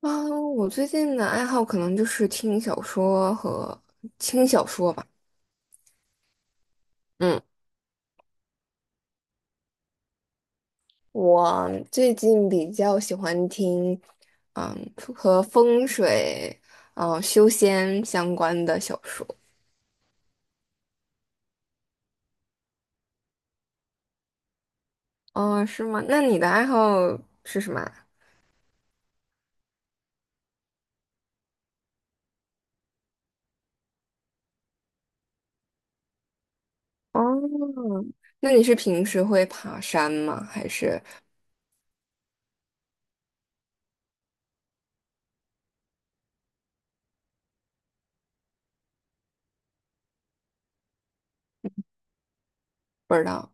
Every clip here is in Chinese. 啊，我最近的爱好可能就是听小说和轻小说吧。嗯，我最近比较喜欢听，和风水、修仙相关的小说。哦，是吗？那你的爱好是什么啊。哦，那你是平时会爬山吗？还是不知道？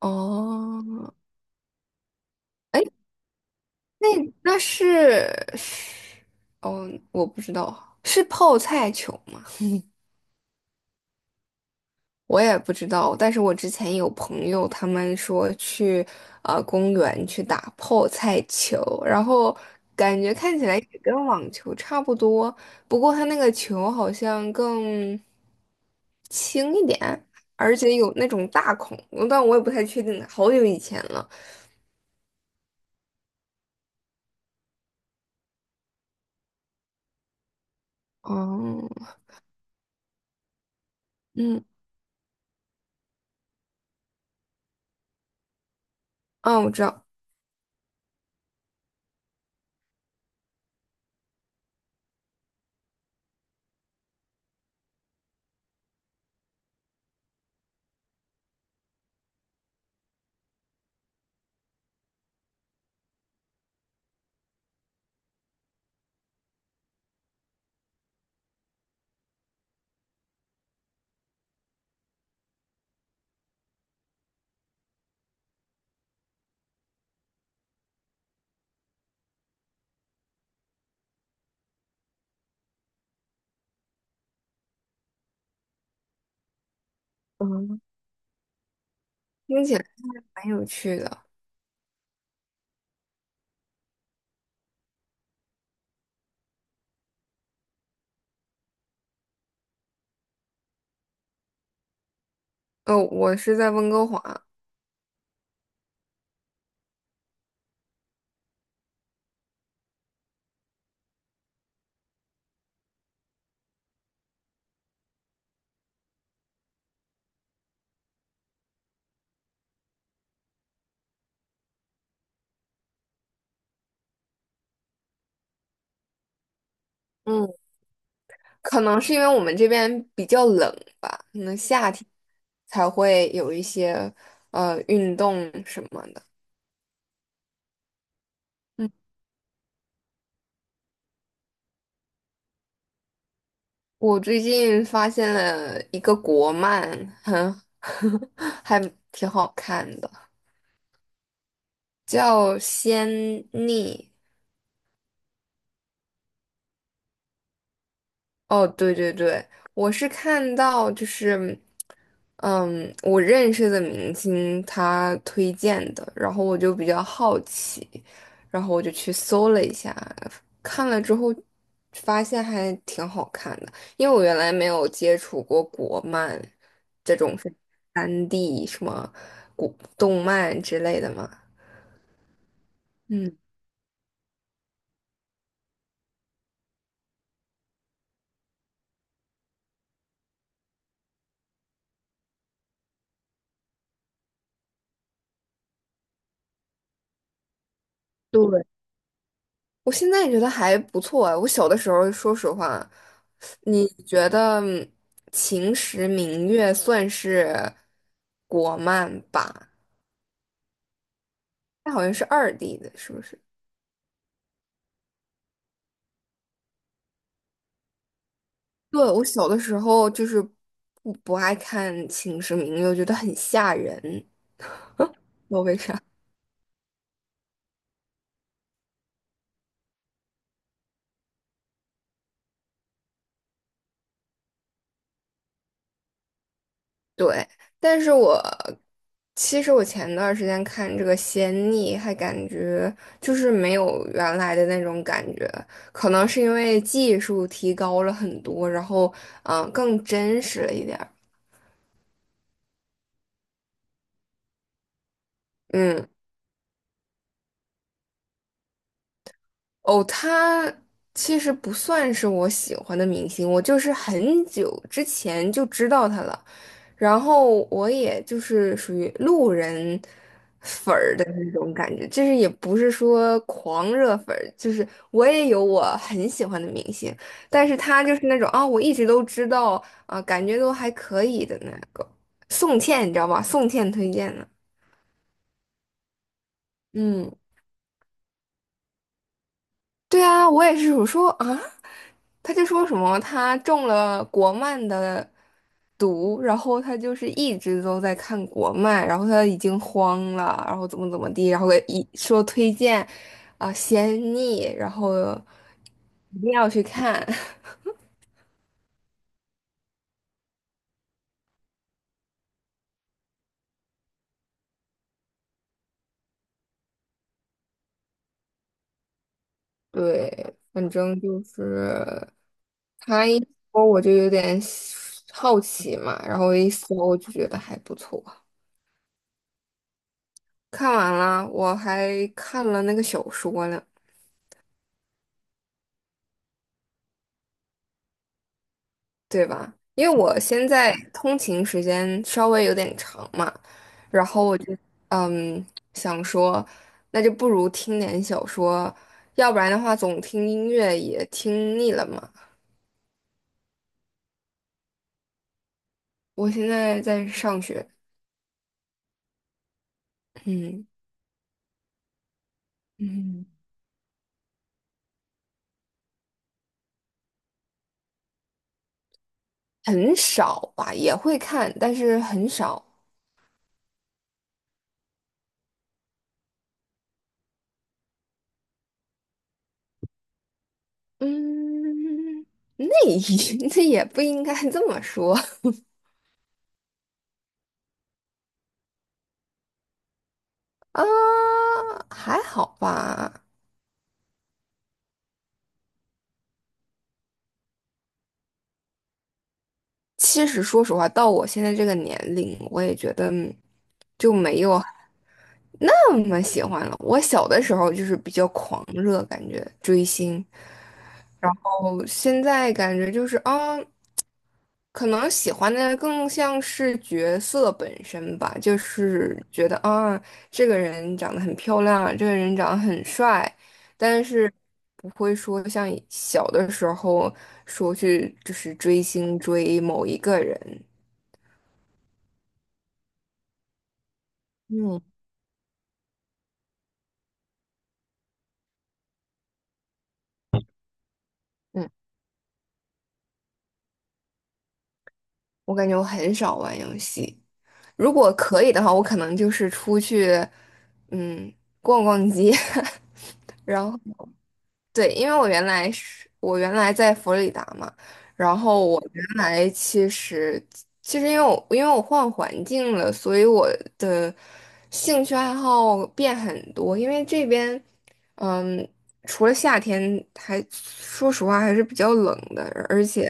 哦，哎，那那是哦，我不知道，是泡菜球。我也不知道，但是我之前有朋友他们说去公园去打泡菜球，然后感觉看起来也跟网球差不多，不过它那个球好像更轻一点，而且有那种大孔，但我也不太确定了好久以前了。哦，嗯，啊，我知道，嗯，听起来还蛮有趣的。哦，我是在温哥华。嗯。可能是因为我们这边比较冷吧，可能夏天才会有一些运动什么的。嗯，我最近发现了一个国漫，很 还挺好看的，叫《仙逆》。哦，对对对，我是看到就是。嗯，我认识的明星他推荐的，然后我就比较好奇，然后我就去搜了一下，看了之后发现还挺好看的，因为我原来没有接触过国漫这种是 3D 什么古动漫之类的嘛。嗯。对，我现在也觉得还不错啊。我小的时候，说实话，你觉得《秦时明月》算是国漫吧？它好像是二 D 的，是不是？对，我小的时候就是不爱看《秦时明月》，我觉得很吓人，不知道为啥。对，但是其实我前段时间看这个《仙逆》，还感觉就是没有原来的那种感觉，可能是因为技术提高了很多，然后更真实了一点儿。嗯，哦，他其实不算是我喜欢的明星，我就是很久之前就知道他了，然后我也就是属于路人。感觉，就是也不是说狂热粉儿，就是我也有我很喜欢的明星，但是他就是那种啊、我一直都知道啊、感觉都还可以的那个宋茜，你知道吧？宋茜推荐的，嗯。对啊，我也是，我说啊，他就说什么他中了国漫的毒，然后他就是一直都在看国漫，然后他已经慌了，然后怎么怎么地，然后一说推荐啊、仙逆，然后一定要去看。对，反正就是他一说我就有点好奇嘛，然后一搜我就觉得还不错。看完了，我还看了那个小说呢。对吧？因为我现在通勤时间稍微有点长嘛，然后我就嗯想说，那就不如听点小说，要不然的话总听音乐也听腻了嘛。我现在在上学，嗯嗯，很少吧，也会看，但是很少。嗯，那也 那也不应该这么说 啊，还好吧。其实说实话，到我现在这个年龄，我也觉得就没有那么喜欢了。我小的时候就是比较狂热，感觉追星。我现在感觉就是啊，可能喜欢的更像是角色本身吧，就是觉得啊，这个人长得很漂亮，这个人长得很帅，但是不会说像以小的时候说去就是追星追某一个人。嗯嗯。我感觉我很少玩游戏。如果可以的话，我可能就是出去，嗯，逛逛街，然后。对，因为我原来在佛罗里达嘛，然后我原来其实，因为我换环境了，所以我的兴趣爱好变很多。因为这边，嗯，除了夏天还，说实话还是比较冷的，而且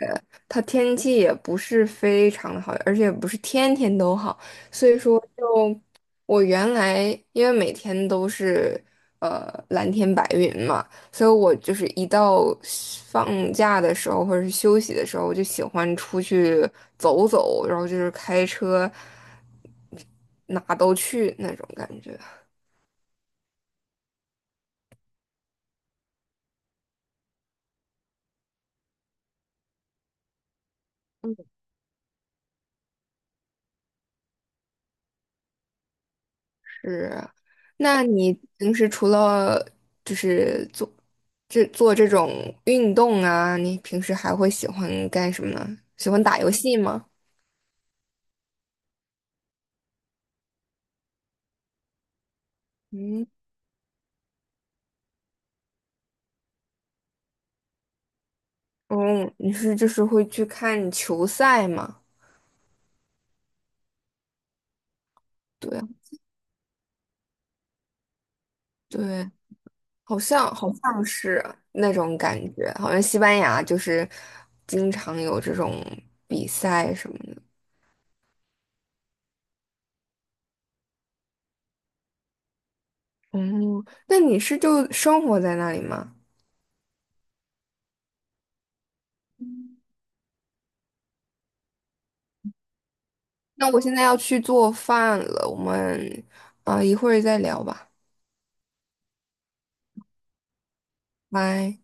它天气也不是非常的好，而且不是天天都好，所以说就我原来因为每天都是蓝天白云嘛。所以我就是一到放假的时候或者是休息的时候，我就喜欢出去走走，然后就是开车哪都去那种感觉。是，那你平时除了就是做这种运动啊，你平时还会喜欢干什么呢？喜欢打游戏吗？嗯，哦，你是就是会去看球赛吗？对啊对。好像好像是那种感觉，好像西班牙就是经常有这种比赛什么的。嗯，那你是就生活在那里吗？那我现在要去做饭了，我们啊、一会儿再聊吧，拜。